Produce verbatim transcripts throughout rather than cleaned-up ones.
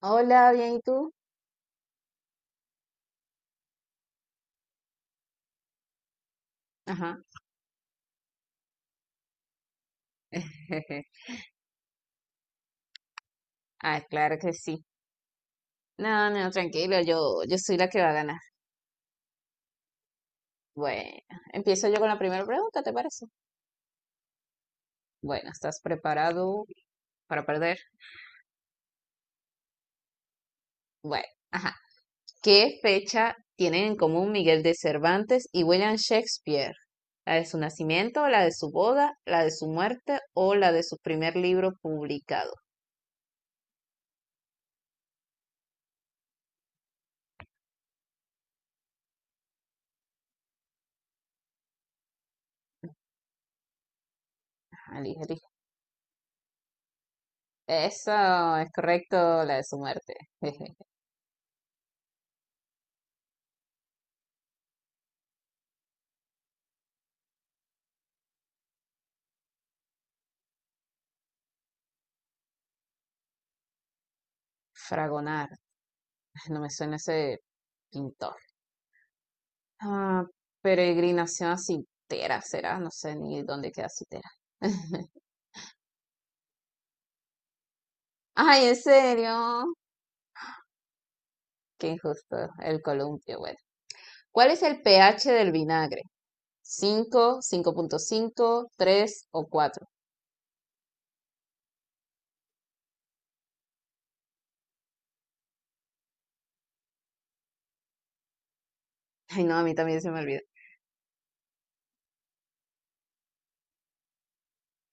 Hola, bien, ¿y tú? Ajá. Ah, claro que sí. No, no, tranquilo, yo, yo soy la que va a ganar. Bueno, empiezo yo con la primera pregunta, ¿te parece? Bueno, ¿estás preparado para perder? Bueno, ajá. ¿Qué fecha tienen en común Miguel de Cervantes y William Shakespeare? ¿La de su nacimiento, la de su boda, la de su muerte o la de su primer libro publicado? Ajá, elige, elige. Eso es correcto, la de su muerte. Fragonar, no me suena ese pintor. Ah, peregrinación a Citera será, no sé ni dónde queda Citera. Ay, en serio, qué injusto, el columpio, bueno. ¿Cuál es el pH del vinagre? Cinco, cinco punto cinco, tres o cuatro. Ay, no, a mí también se me olvidó.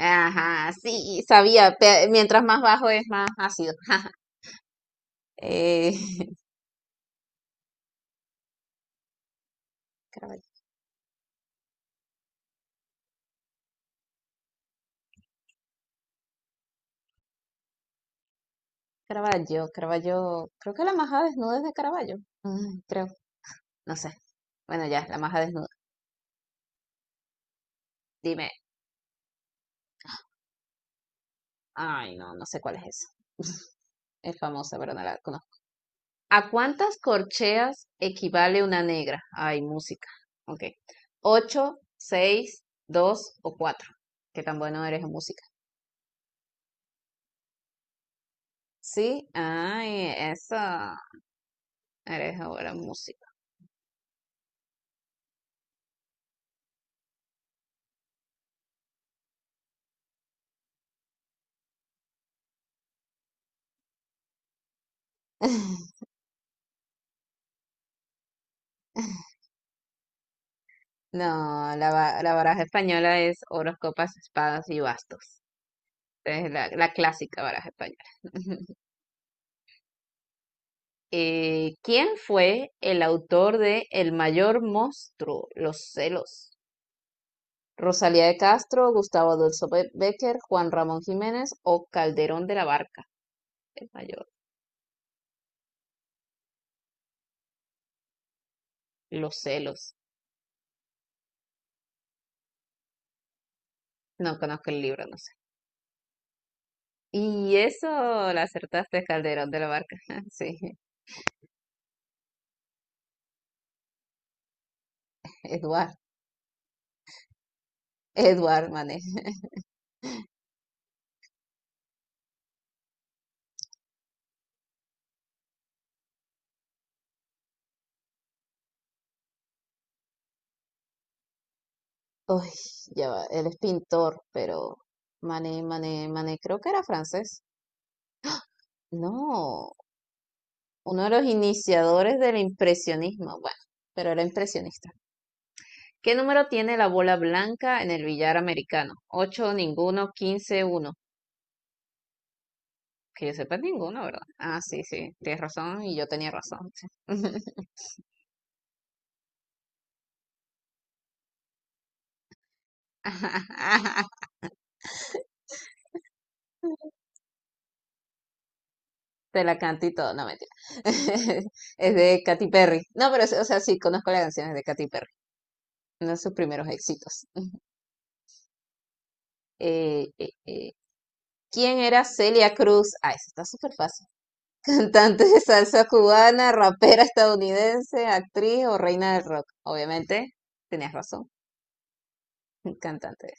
Ajá, sí, sabía, pe- mientras más bajo es más ácido. Jaja. Eh, Caravaggio, Caravaggio, Caravaggio, creo que la majada desnuda es de Caravaggio. Mm, creo, no sé. Bueno, ya, la maja desnuda. Dime, ay, no, no sé cuál es esa. Es famosa, pero no la conozco. ¿A cuántas corcheas equivale una negra? Ay, música. Ok. ¿Ocho, seis, dos o cuatro? Qué tan bueno eres en música. Sí, ay, eso. Eres ahora en música. No, la, ba- la baraja española es oros, copas, espadas y bastos. Es la, la clásica baraja española. Eh, ¿quién fue el autor de El mayor monstruo, Los celos? Rosalía de Castro, Gustavo Adolfo Be- Becker, Juan Ramón Jiménez o Calderón de la Barca, el mayor, Los celos. No conozco el libro, no sé. Y eso la acertaste, Calderón de la Barca. Sí, Eduard, Eduard Mané. Uy, ya va, él es pintor, pero Mané, Mané, Mané, creo que era francés. No, uno de los iniciadores del impresionismo, bueno, pero era impresionista. ¿Qué número tiene la bola blanca en el billar americano? Ocho, ninguno, quince, uno. Que yo sepa ninguno, ¿verdad? Ah, sí, sí, tienes razón y yo tenía razón, sí. Te la canto y todo, no mentira. Es de Katy Perry. No, pero, o sea, sí, conozco las canciones de Katy Perry, uno de sus primeros éxitos. Eh, eh, eh, ¿quién era Celia Cruz? Ah, eso está súper fácil. Cantante de salsa cubana, rapera estadounidense, actriz o reina del rock. Obviamente, tenías razón, cantante.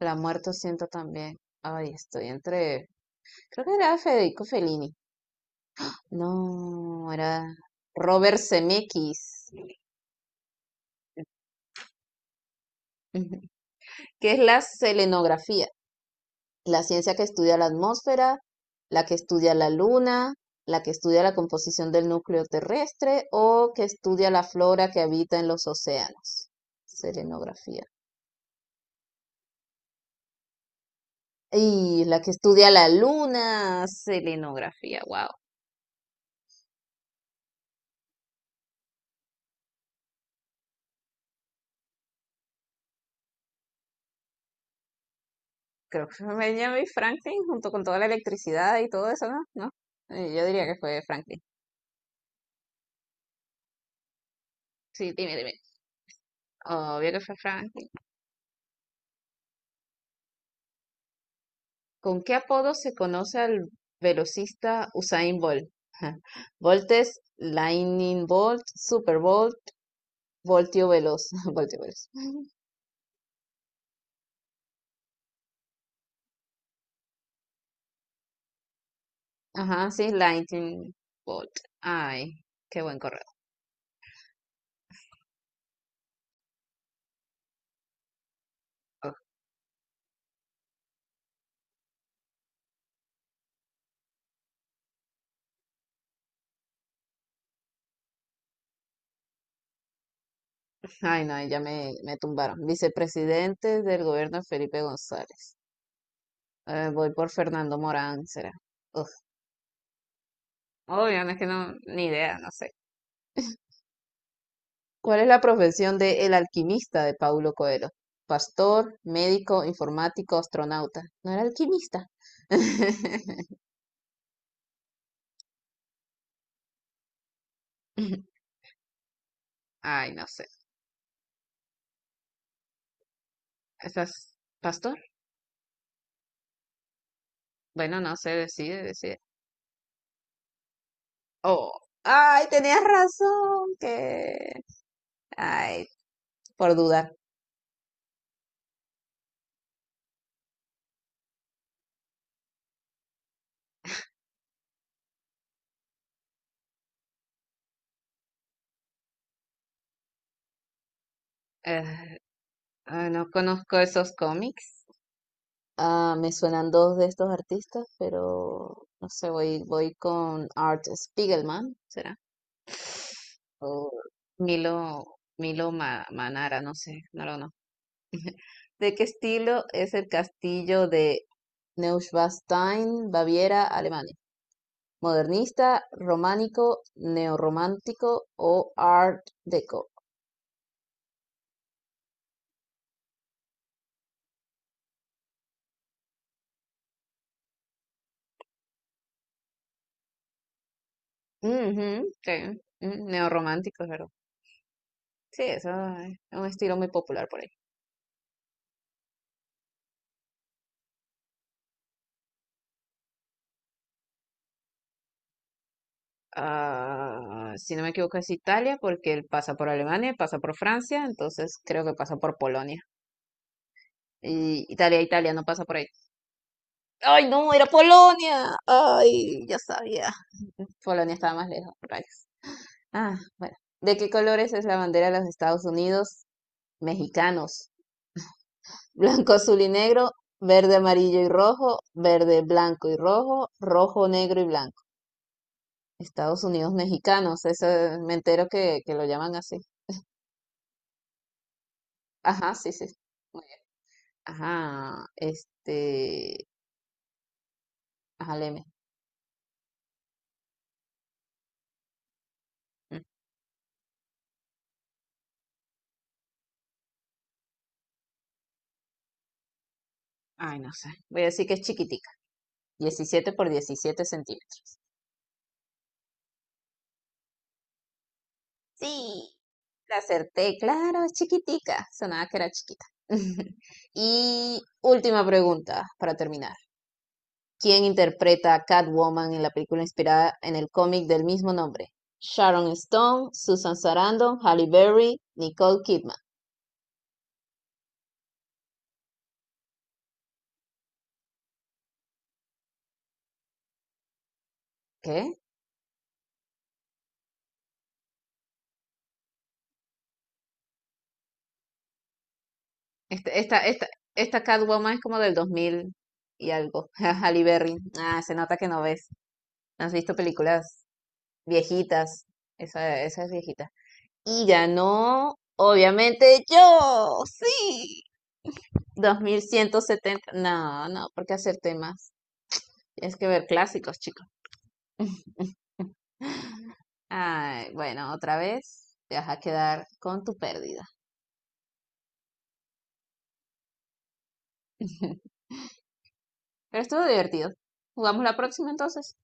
La muerto siento también. Ay, estoy entre... Creo que era Federico Fellini. No, era Robert Zemeckis. ¿Qué es la selenografía? La ciencia que estudia la atmósfera, la que estudia la luna, la que estudia la composición del núcleo terrestre o que estudia la flora que habita en los océanos. Selenografía. Y la que estudia la luna, selenografía, wow. Creo que fue Benjamin Franklin junto con toda la electricidad y todo eso, ¿no? ¿No? Eh, yo diría que fue Franklin. Sí, dime, dime. Obvio que fue Franklin. ¿Con qué apodo se conoce al velocista Usain Bolt? Bolt es Lightning Bolt, Super Bolt, Voltio Veloz, Voltio Veloz. Ajá, sí, Lightning Bolt. Ay, qué buen correo. Ay, no, ahí ya me, me tumbaron. Vicepresidente del gobierno Felipe González. Eh, voy por Fernando Morán, será. Uf, obvio, no, es que no, ni idea, no sé. ¿Cuál es la profesión de el alquimista de Paulo Coelho? Pastor, médico, informático, astronauta. ¿No era alquimista? Ay, no sé. ¿Estás pastor? Bueno, no sé, decide, decide. Oh, ay, tenías razón, que... Ay, por dudar. Ah, no conozco esos cómics. Ah, me suenan dos de estos artistas, pero no sé, voy, voy con Art Spiegelman, ¿será? O Milo, Milo Ma- Manara, no sé, no lo conozco. ¿De qué estilo es el castillo de Neuschwanstein, Baviera, Alemania? Modernista, románico, neorromántico o Art Deco. Ujú, sí, mm, neorromántico, pero sí, eso es un estilo muy popular por ahí. Ah, si no me equivoco, es Italia, porque él pasa por Alemania, pasa por Francia, entonces creo que pasa por Polonia. Y Italia, Italia, no pasa por ahí. ¡Ay, no! ¡Era Polonia! ¡Ay, ya sabía! Polonia estaba más lejos, rayos. Ah, bueno. ¿De qué colores es la bandera de los Estados Unidos? Mexicanos. Blanco, azul y negro, verde, amarillo y rojo, verde, blanco y rojo, rojo, negro y blanco. Estados Unidos mexicanos, eso me entero que, que lo llaman así. Ajá, sí, sí. Ajá, este, ajá, léeme. Mm, Ay, no sé. Voy a decir que es chiquitica, diecisiete por diecisiete centímetros. Sí, la acerté, claro, es chiquitica. Sonaba que era chiquita. Y última pregunta para terminar. ¿Quién interpreta a Catwoman en la película inspirada en el cómic del mismo nombre? Sharon Stone, Susan Sarandon, Halle Berry, Nicole Kidman. ¿Qué? Esta Esta, esta, esta Catwoman es como del dos mil y algo. Halle Berry. Ah, se nota que no ves, no has visto películas viejitas. Esa, esa es viejita. Y ganó, obviamente, yo. Sí. Dos mil ciento setenta. No, no, ¿por qué hacer temas? Tienes que ver clásicos, chicos. Ay, bueno, otra vez te vas a quedar con tu pérdida. Pero estuvo divertido. ¿Jugamos la próxima entonces?